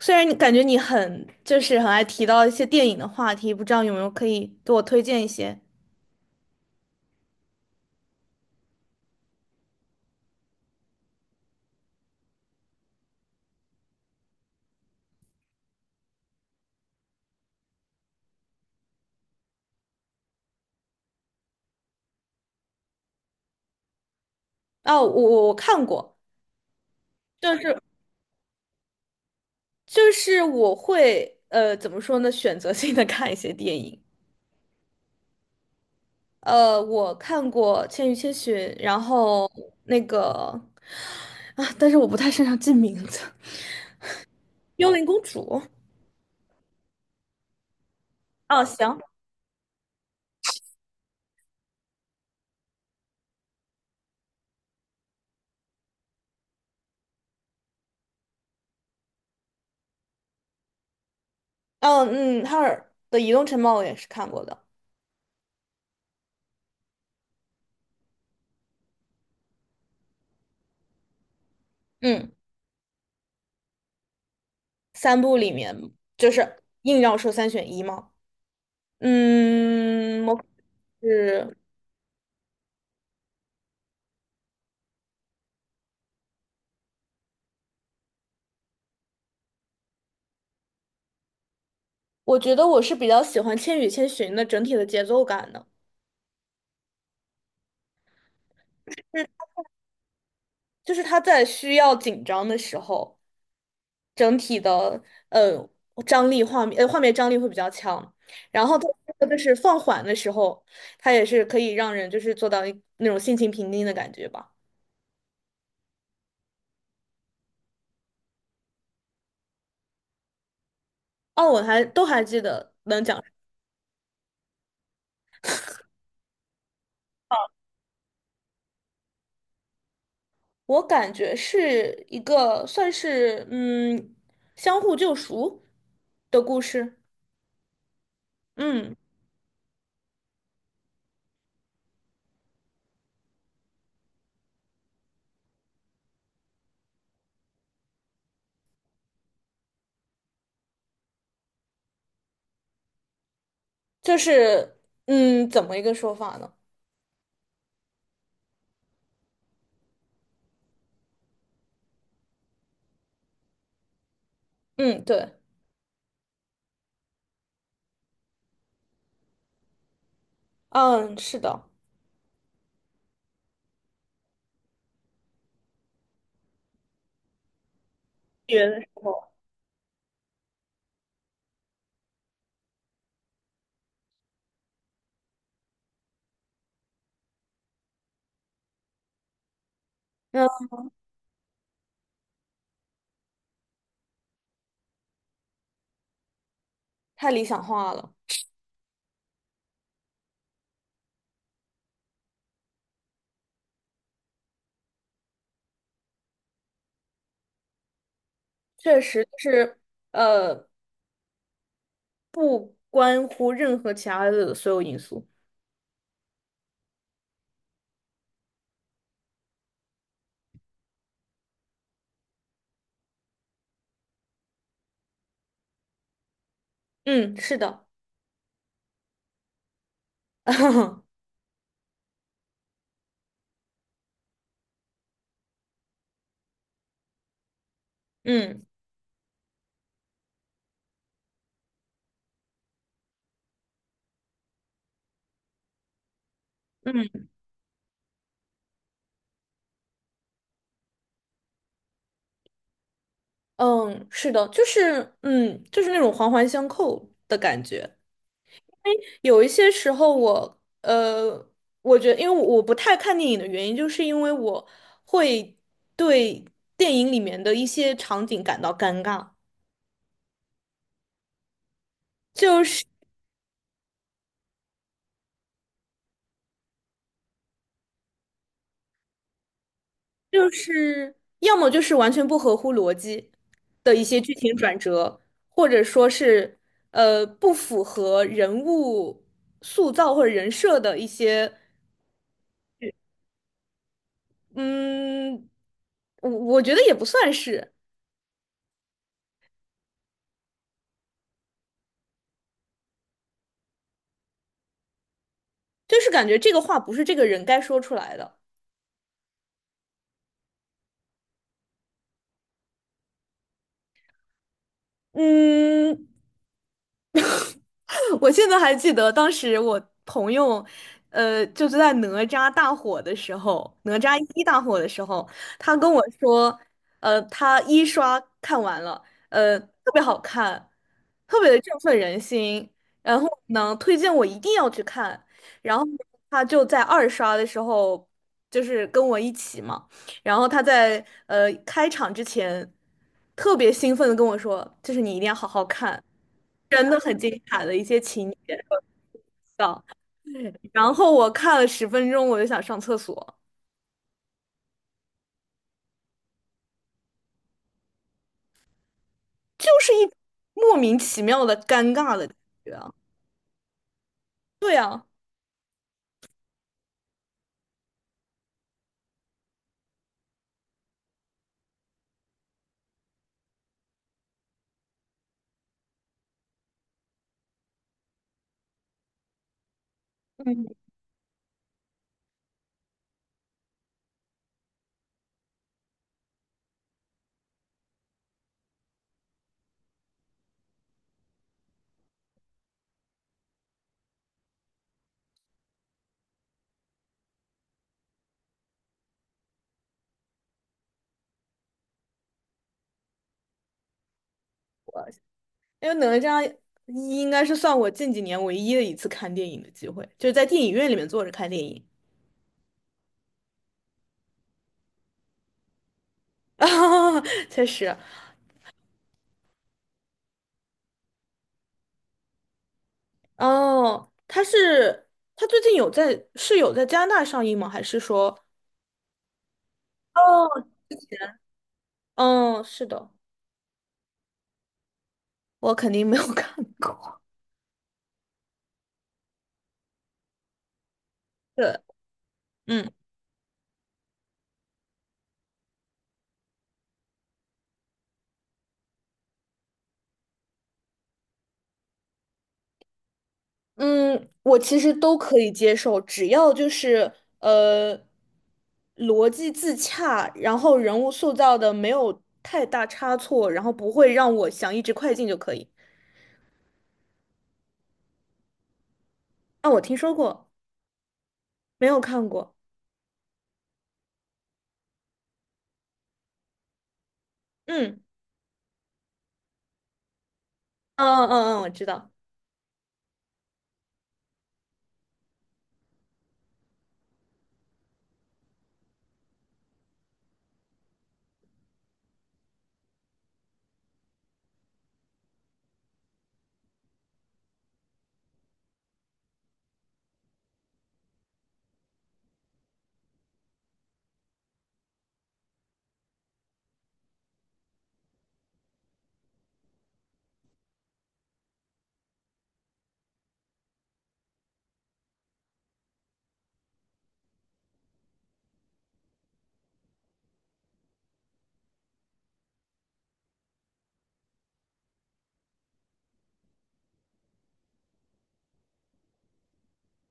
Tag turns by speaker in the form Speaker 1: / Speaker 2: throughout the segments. Speaker 1: 虽然你感觉你很就是很爱提到一些电影的话题，不知道有没有可以给我推荐一些？哦，我看过。就是就是我会怎么说呢，选择性的看一些电影。我看过《千与千寻》，然后那个啊，但是我不太擅长记名字。《幽灵公主》。哦，行。哦，嗯，哈尔的《移动城堡》我也是看过的。嗯，三部里面就是硬要说三选一吗？嗯，是我觉得我是比较喜欢《千与千寻》的整体的节奏感的。就是他在需要紧张的时候，整体的呃张力画面呃画面张力会比较强。然后它就是放缓的时候，他也是可以让人就是做到一那种心情平静的感觉吧。哦，我还都还记得能讲。我感觉是一个算是相互救赎的故事。嗯。就是怎么一个说法呢？嗯，对。嗯，是的。学的时候，那太理想化了。确实就是呃，不关乎任何其他的所有因素。嗯，是的。嗯嗯。嗯，是的，就是那种环环相扣的感觉。有一些时候我，我觉得，因为我不太看电影的原因，就是因为我会对电影里面的一些场景感到尴尬。就是就是要么就是完全不合乎逻辑的一些剧情转折，或者说是不符合人物塑造或者人设的一些。嗯，我觉得也不算是。就是感觉这个话不是这个人该说出来的。嗯。我现在还记得当时我朋友，就是在哪吒大火的时候，哪吒一大火的时候，他跟我说。他一刷看完了，特别好看，特别的振奋人心。然后呢，推荐我一定要去看。然后他就在二刷的时候，就是跟我一起嘛。然后他在开场之前特别兴奋的跟我说，就是你一定要好好看，真的很精彩的一些情节的。然后我看了10分钟，我就想上厕所。就是一莫名其妙的尴尬的感觉啊。对啊。嗯，我因为哪吒一应该是算我近几年唯一的一次看电影的机会，就是在电影院里面坐着看电影。确实。哦，他最近有在加拿大上映吗？还是说，哦，天。嗯，是的。我肯定没有 看过。对。嗯，嗯，我其实都可以接受，只要就是呃逻辑自洽，然后人物塑造的没有太大差错，然后不会让我想一直快进就可以。啊，我听说过。没有看过。嗯。嗯嗯嗯，我知道。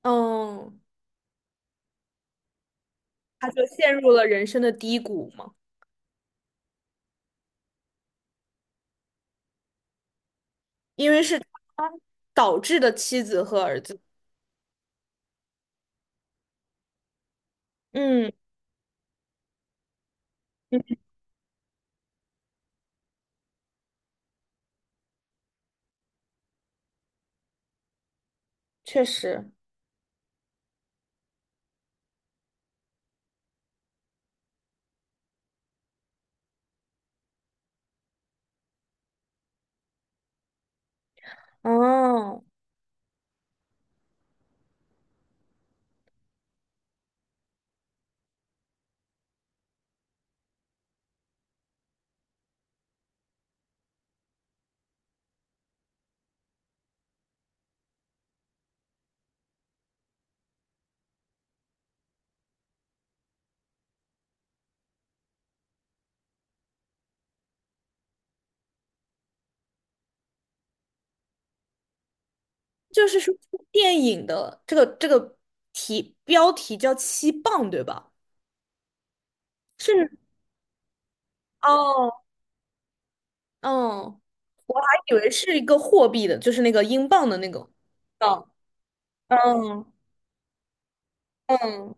Speaker 1: 嗯，他就陷入了人生的低谷嘛。因为是他导致的妻子和儿子。嗯嗯。确实。哦，就是说，电影的这个标题叫"七磅"，对吧？是。哦，哦，还以为是一个货币的，就是那个英镑的那个。哦，嗯嗯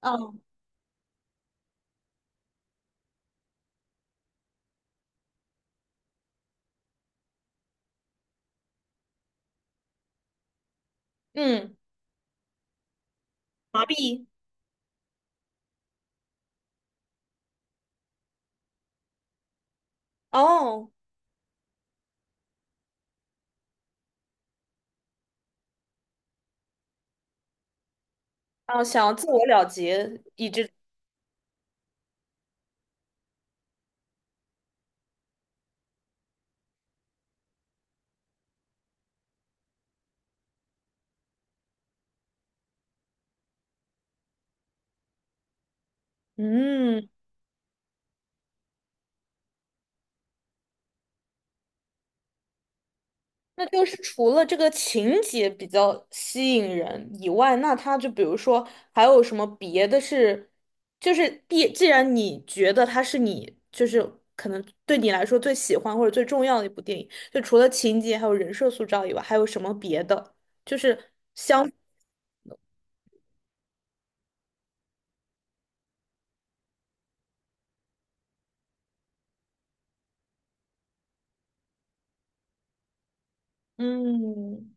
Speaker 1: 嗯嗯。麻痹。哦。啊，想要自我了结，以致嗯。那就是除了这个情节比较吸引人以外，那它就比如说还有什么别的是。就是既然你觉得它是你就是可能对你来说最喜欢或者最重要的一部电影，就除了情节还有人设塑造以外，还有什么别的？就是嗯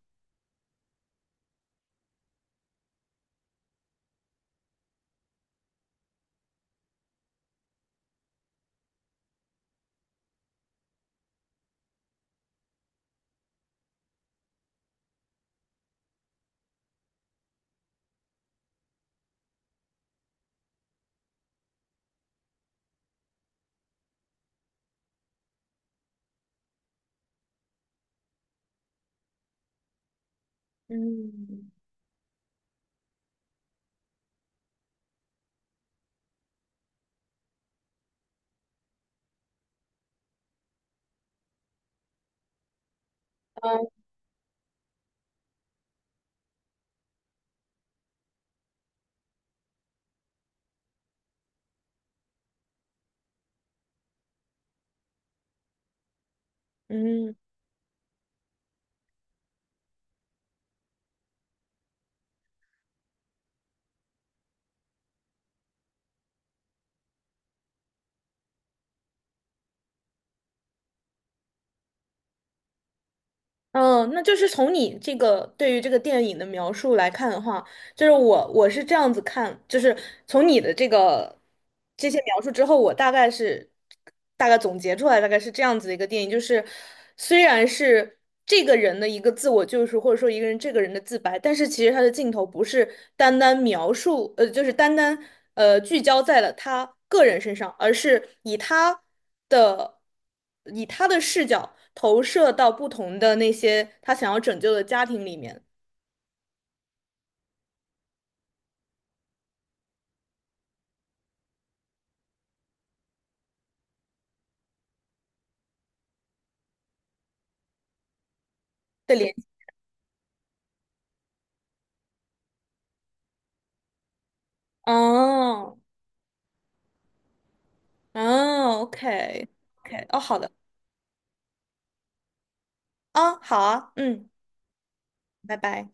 Speaker 1: 嗯。嗯嗯，那就是从你这个对于这个电影的描述来看的话。就是我是这样子看，就是从你的这些描述之后，我大概总结出来，大概是这样子的一个电影。就是虽然是这个人的一个自我救赎，或者说一个人这个人的自白，但是其实他的镜头不是单单描述，就是单单聚焦在了他个人身上，而是以的他的视角投射到不同的那些他想要拯救的家庭里面的联系。哦，哦，OK，OK，哦，好的。啊，好啊。嗯，拜拜。